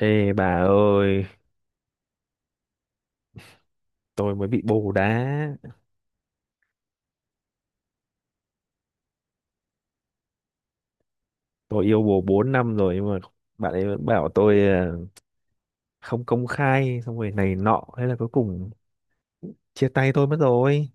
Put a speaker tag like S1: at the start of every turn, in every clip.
S1: Ê bà ơi, tôi mới bị bồ đá. Tôi yêu bồ 4 năm rồi nhưng mà bạn ấy vẫn bảo tôi không công khai xong rồi này nọ, thế là cuối cùng chia tay tôi mất rồi.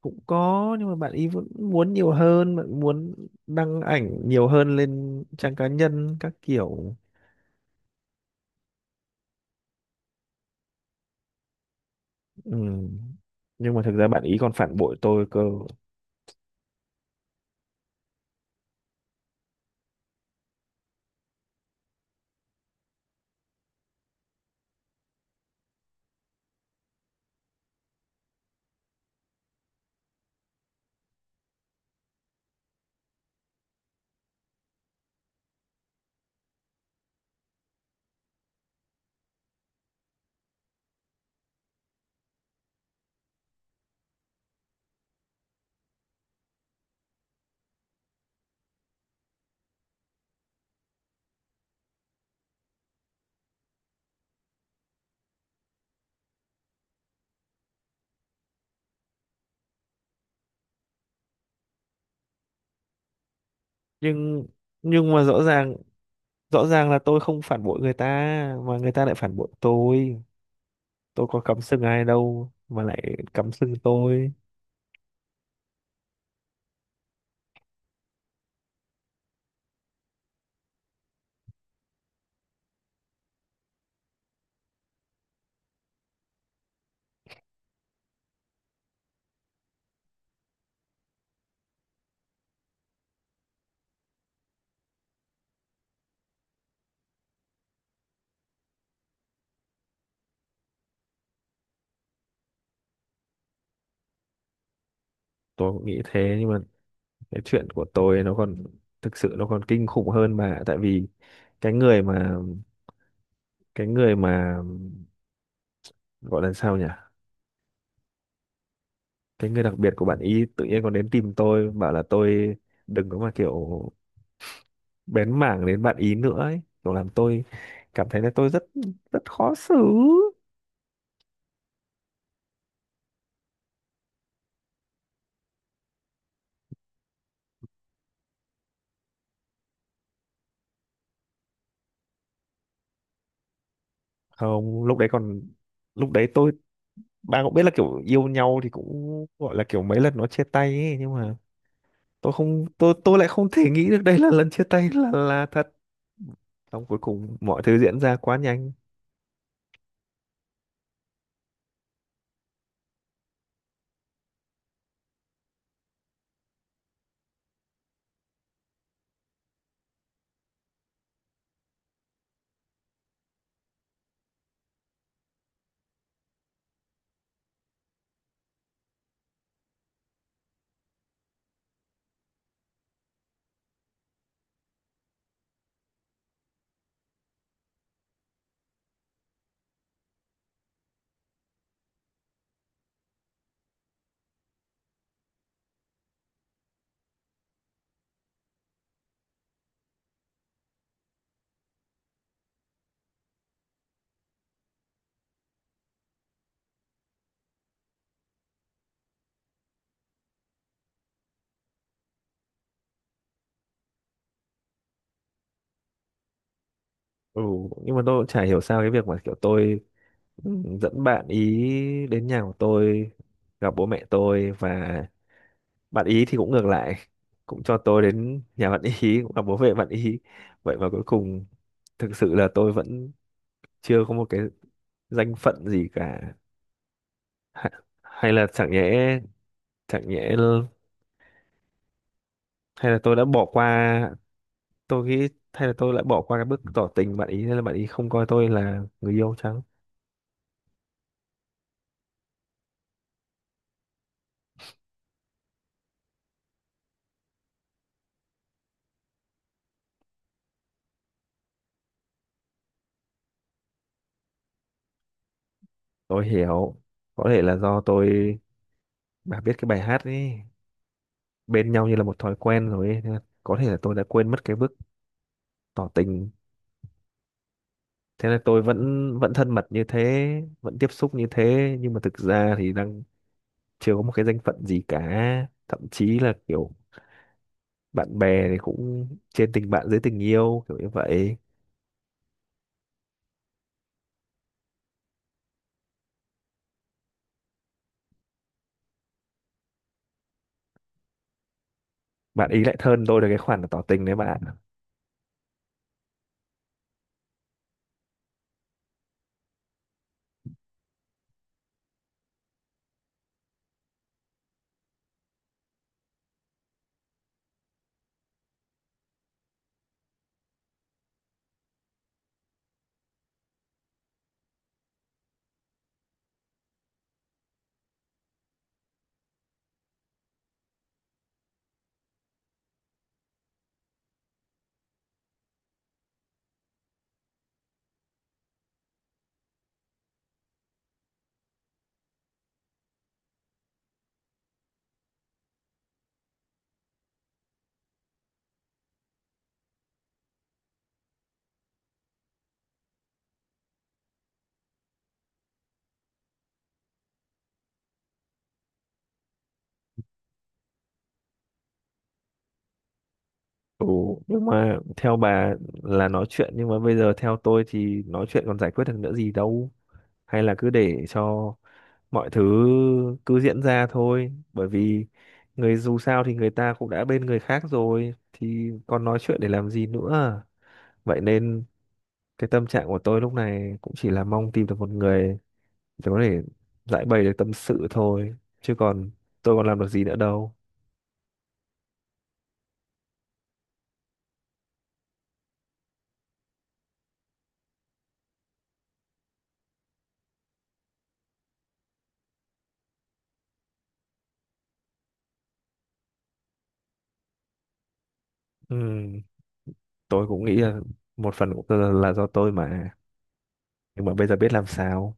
S1: Cũng có nhưng mà bạn ấy vẫn muốn nhiều hơn, bạn muốn đăng ảnh nhiều hơn lên trang cá nhân các kiểu. Ừ. Nhưng mà thực ra bạn ấy còn phản bội tôi cơ. Nhưng nhưng mà rõ ràng là tôi không phản bội người ta mà người ta lại phản bội tôi. Tôi có cắm sừng ai đâu mà lại cắm sừng tôi. Tôi cũng nghĩ thế nhưng mà cái chuyện của tôi nó còn thực sự nó còn kinh khủng hơn, mà tại vì cái người mà cái người mà gọi là sao nhỉ, cái người đặc biệt của bạn ý tự nhiên còn đến tìm tôi bảo là tôi đừng có mà kiểu bén mảng đến bạn ý nữa ấy, kiểu làm tôi cảm thấy là tôi rất rất khó xử. Không, lúc đấy còn lúc đấy tôi, bạn cũng biết là kiểu yêu nhau thì cũng gọi là kiểu mấy lần nó chia tay ấy, nhưng mà tôi lại không thể nghĩ được đây là lần chia tay là thật, xong cuối cùng mọi thứ diễn ra quá nhanh. Ừ, nhưng mà tôi cũng chả hiểu sao cái việc mà kiểu tôi, ừ, dẫn bạn ý đến nhà của tôi gặp bố mẹ tôi, và bạn ý thì cũng ngược lại cũng cho tôi đến nhà bạn ý cũng gặp bố mẹ bạn ý, vậy mà cuối cùng thực sự là tôi vẫn chưa có một cái danh phận gì cả. Ha- Hay là chẳng nhẽ, chẳng nhẽ l- hay là tôi đã bỏ qua. Tôi nghĩ hay là tôi lại bỏ qua cái bước tỏ tình bạn ý nên là bạn ý không coi tôi là người yêu chăng. Tôi hiểu, có thể là do tôi, bà biết cái bài hát ấy, bên nhau như là một thói quen rồi ấy. Nên là có thể là tôi đã quên mất cái bước tỏ tình. Thế là tôi vẫn vẫn thân mật như thế, vẫn tiếp xúc như thế, nhưng mà thực ra thì đang chưa có một cái danh phận gì cả, thậm chí là kiểu bạn bè thì cũng trên tình bạn dưới tình yêu kiểu như vậy. Bạn ý lại hơn tôi được cái khoản là tỏ tình đấy bạn ạ. Ừ, nhưng mà theo bà là nói chuyện, nhưng mà bây giờ theo tôi thì nói chuyện còn giải quyết được nữa gì đâu, hay là cứ để cho mọi thứ cứ diễn ra thôi, bởi vì người, dù sao thì người ta cũng đã bên người khác rồi thì còn nói chuyện để làm gì nữa. Vậy nên cái tâm trạng của tôi lúc này cũng chỉ là mong tìm được một người để có thể giải bày được tâm sự thôi, chứ còn tôi còn làm được gì nữa đâu. Ừ, tôi cũng nghĩ là một phần cũng là do tôi mà, nhưng mà bây giờ biết làm sao.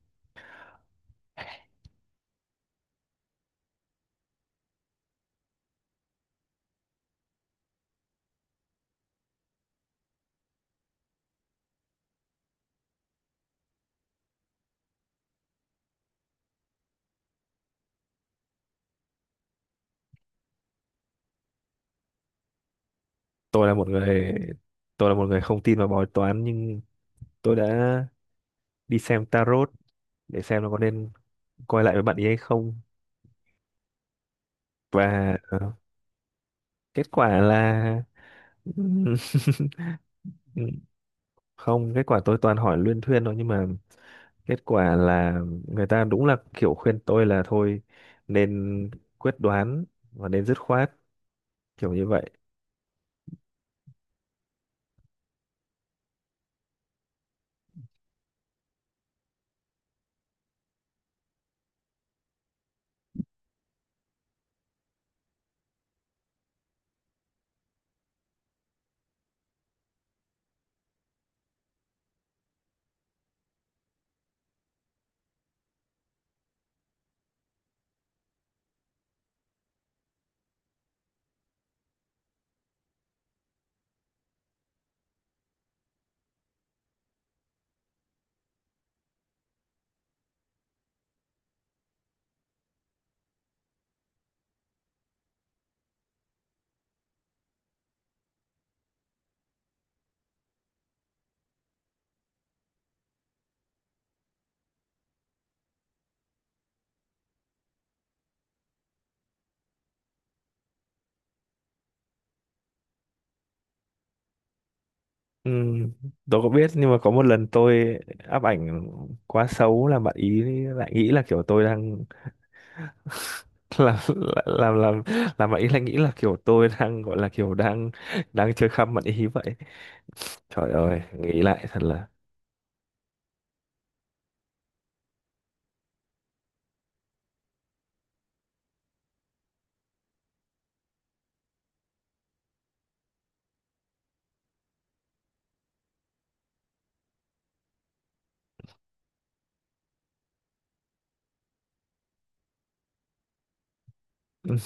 S1: tôi là một người tôi là một người không tin vào bói toán, nhưng tôi đã đi xem tarot để xem nó có nên quay lại với bạn ấy hay không. Và kết quả là không, kết quả tôi toàn hỏi luyên thuyên thôi, nhưng mà kết quả là người ta đúng là kiểu khuyên tôi là thôi nên quyết đoán và nên dứt khoát kiểu như vậy. Ừ, tôi có biết nhưng mà có một lần tôi áp ảnh quá xấu là bạn ý lại nghĩ là kiểu tôi đang làm làm làm làm bạn ý lại nghĩ là kiểu tôi đang gọi là kiểu đang đang chơi khăm bạn ý vậy. Trời ơi nghĩ lại thật là ừ,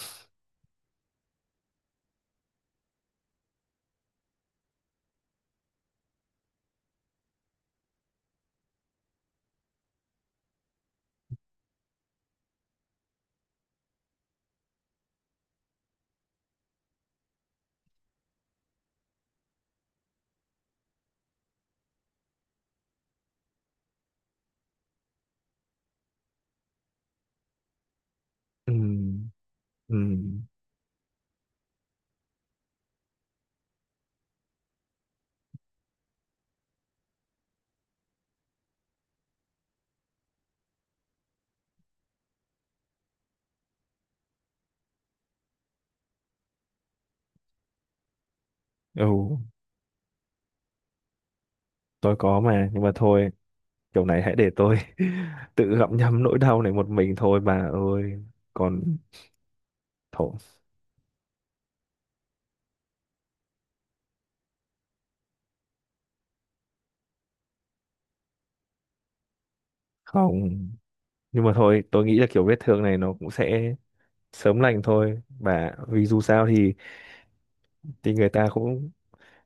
S1: ừ, ừ, ừ, tôi có mà nhưng mà thôi, kiểu này hãy để tôi tự gặm nhấm nỗi đau này một mình thôi bà ơi. Còn thôi, không, nhưng mà thôi tôi nghĩ là kiểu vết thương này nó cũng sẽ sớm lành thôi bà, vì dù sao thì thì người ta cũng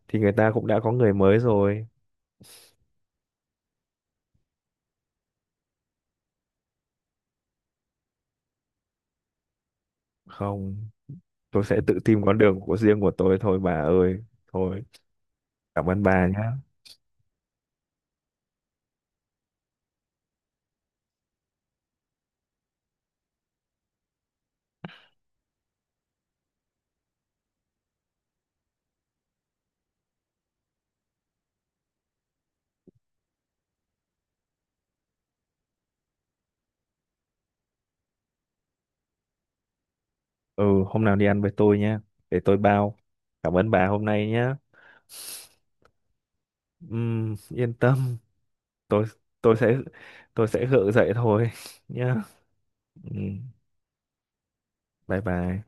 S1: thì người ta cũng đã có người mới rồi. Không, tôi sẽ tự tìm con đường của riêng của tôi thôi bà ơi. Thôi, cảm ơn bà nhá. Ừ, hôm nào đi ăn với tôi nhá, để tôi bao. Cảm ơn bà hôm nay nhá. Yên tâm, tôi tôi sẽ tôi sẽ gượng dậy thôi nhá. Ừm, bye bye.